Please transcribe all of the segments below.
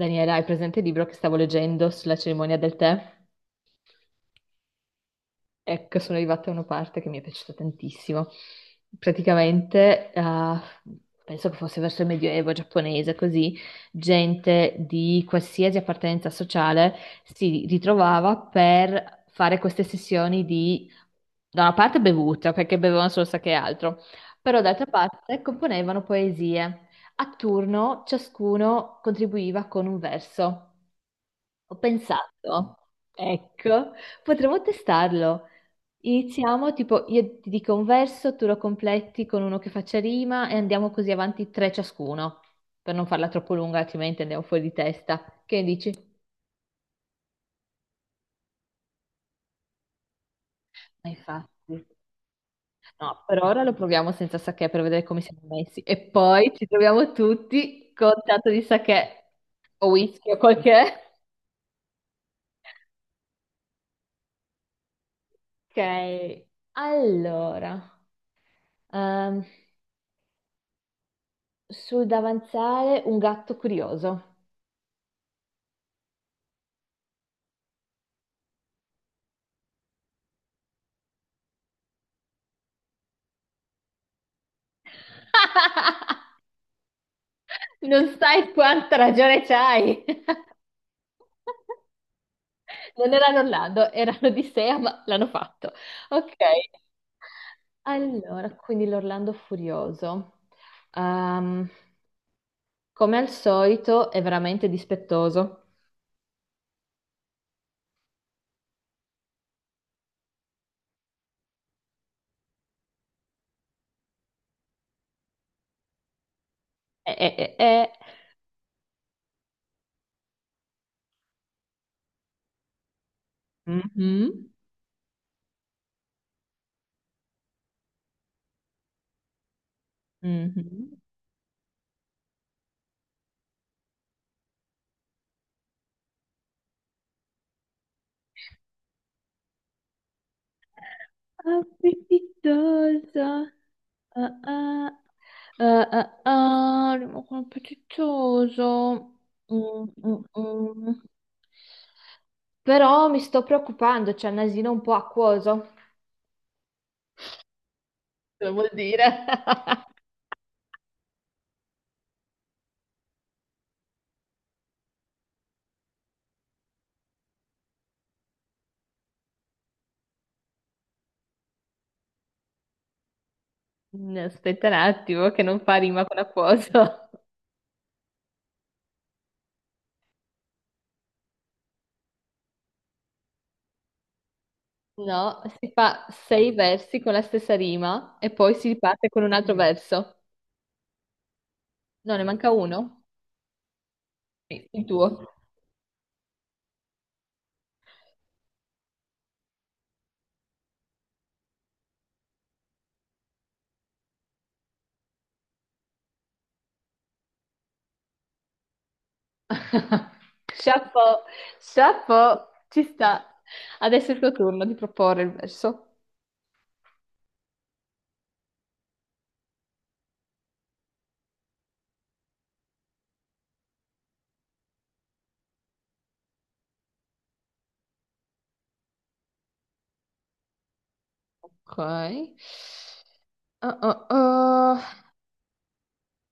Daniela, hai presente il libro che stavo leggendo sulla cerimonia del tè? Ecco, sono arrivata a una parte che mi è piaciuta tantissimo. Praticamente, penso che fosse verso il Medioevo giapponese, così, gente di qualsiasi appartenenza sociale si ritrovava per fare queste sessioni di, da una parte bevuta, perché bevevano solo sake e altro, però d'altra parte componevano poesie. A turno ciascuno contribuiva con un verso. Ho pensato, ecco, potremmo testarlo. Iniziamo, tipo, io ti dico un verso, tu lo completi con uno che faccia rima e andiamo così avanti tre ciascuno, per non farla troppo lunga, altrimenti andiamo fuori di testa. Che ne dici? Ma infatti. No, per ora lo proviamo senza sake per vedere come siamo messi e poi ci troviamo tutti con tanto di sake o whisky o quel che è. Ok, allora, ehm, sul davanzale un gatto curioso. Non sai quanta ragione c'hai. Non erano Orlando, erano Odissea, ma l'hanno fatto. Ok, allora, quindi l'Orlando furioso. Ehm, Come al solito, è veramente dispettoso. Eh. Mhm, mhm. Appetitosa. Ah, ah, ah, ah, ah, rimane appetitoso. Mm, mm, mm. Però mi sto preoccupando, c'è il nasino un po' acquoso. Cosa vuol dire? No, aspetta un attimo, che non fa rima con acquoso. No, si fa sei versi con la stessa rima e poi si parte con un altro verso. No, ne manca uno? Sì. Il tuo. Chapeau, chapeau, ci sta. Adesso è il tuo turno di proporre il verso. Ok. Ah, ah, ah.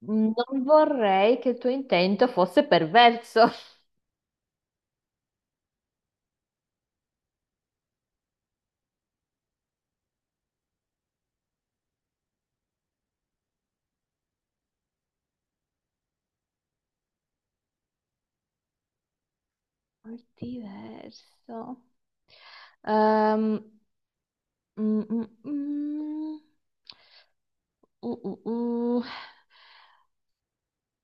Non vorrei che il tuo intento fosse perverso. Diverso. Ehm, mm, mm, mm. Uh, uh, uh.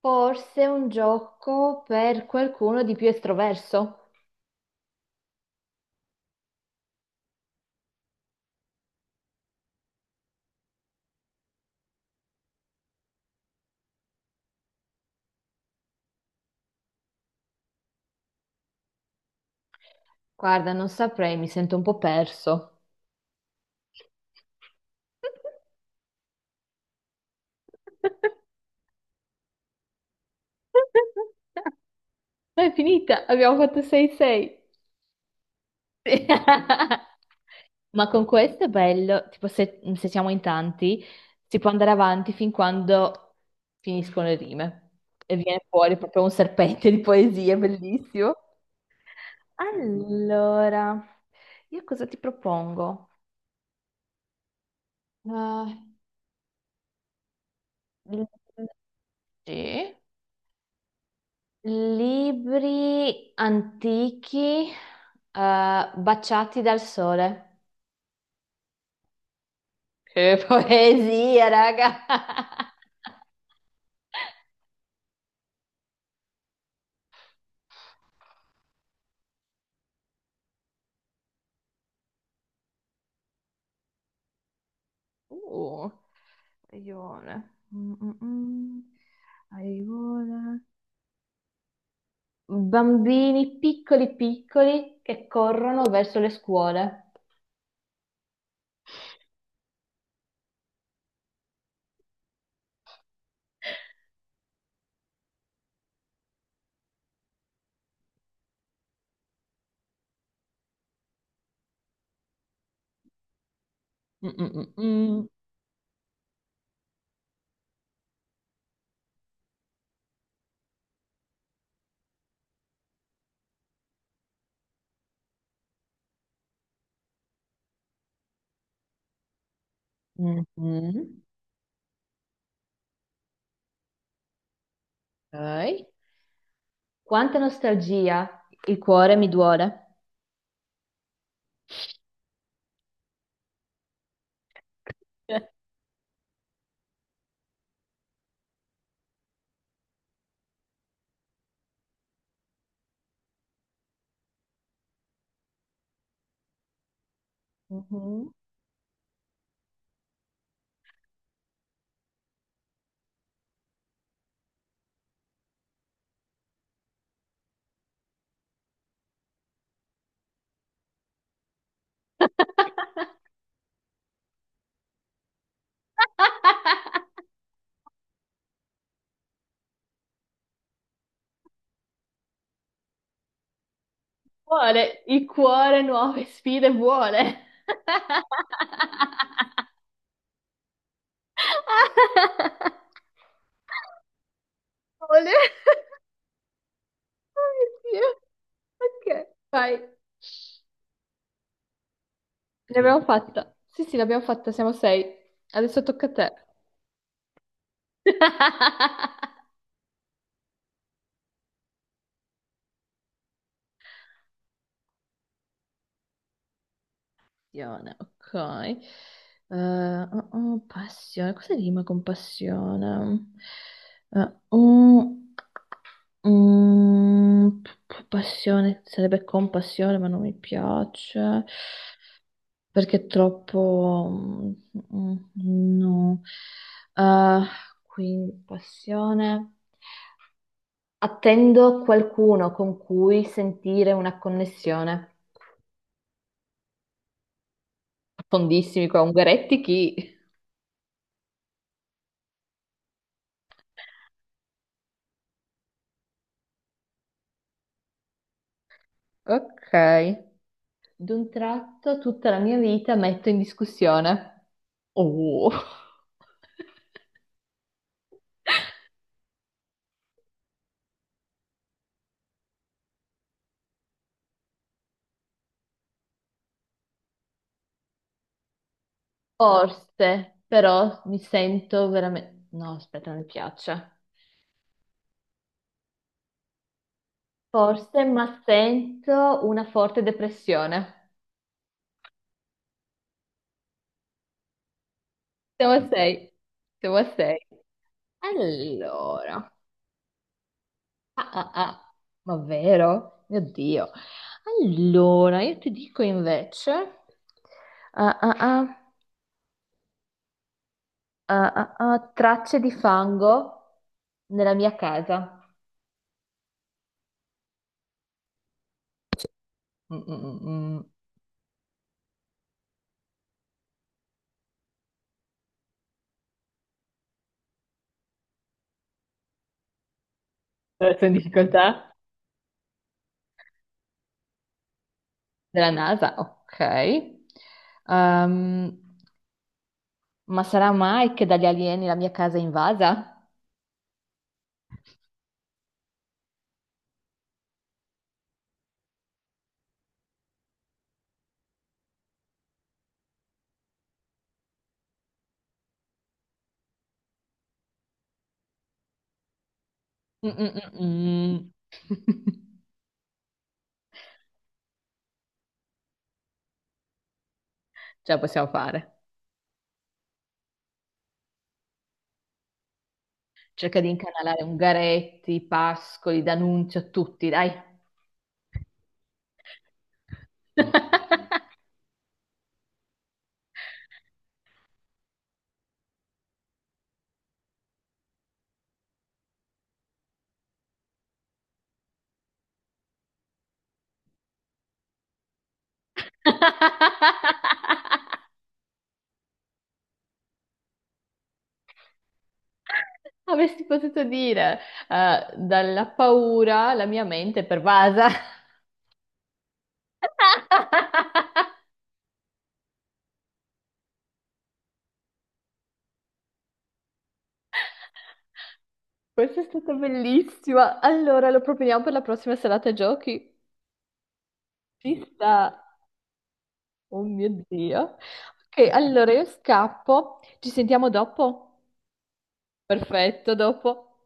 Forse un gioco per qualcuno di più estroverso. Guarda, non saprei, mi sento un po' perso. No, è finita, abbiamo fatto 6-6. Ma con questo è bello, tipo se siamo in tanti, si può andare avanti fin quando finiscono le rime e viene fuori proprio un serpente di poesie, è bellissimo. Allora, io cosa ti propongo? Ah, eh, sì. Libri antichi, baciati dal sole. Che poesia, raga! Uh, aione. Mm, mm, mm. Aione. Bambini piccoli piccoli che corrono verso le scuole. Mm, mm, mm, mm. Mhm. Ok. Quanta nostalgia, il cuore mi duole. Mhm. Vuole il cuore nuove sfide, vuole. Ole. Oh mio Dio. Ok. Vai. L'abbiamo fatta. Sì, sì, l'abbiamo fatta, siamo sei. Adesso tocca a te. Passione, ok. Oh, oh, passione, cosa rima con passione? Oh, mm, passione, sarebbe compassione, ma non mi piace. Perché troppo... mm, no. Eh, quindi, passione. Attendo qualcuno con cui sentire una connessione. Fondissimi qua, Ungaretti chi? Ok. D'un tratto tutta la mia vita metto in discussione. Oh. Forse, però mi sento veramente... No, aspetta, non mi piace. Forse, ma sento una forte depressione. Siamo a sei. Siamo a sei. Allora. Ah, ah, ah. Ma vero? Mio Dio. Allora, io ti dico invece. Ah, ah, ah. Ah, ah, ah. Tracce di fango nella mia casa. Mm, mm, mm, mm. Adesso in difficoltà? Della NASA, ok. Ehm, ma sarà mai che dagli alieni la mia casa è invasa? Mm, mm, mm, mm. Ce la possiamo fare. Cerca di incanalare Ungaretti, Pascoli, D'Annunzio, tutti, dai. Avresti potuto dire, dalla paura la mia mente è pervasa. Questa è stata bellissima. Allora, lo proponiamo per la prossima serata giochi. Ci sta. Oh mio Dio. Ok, allora io scappo. Ci sentiamo dopo? Perfetto, dopo.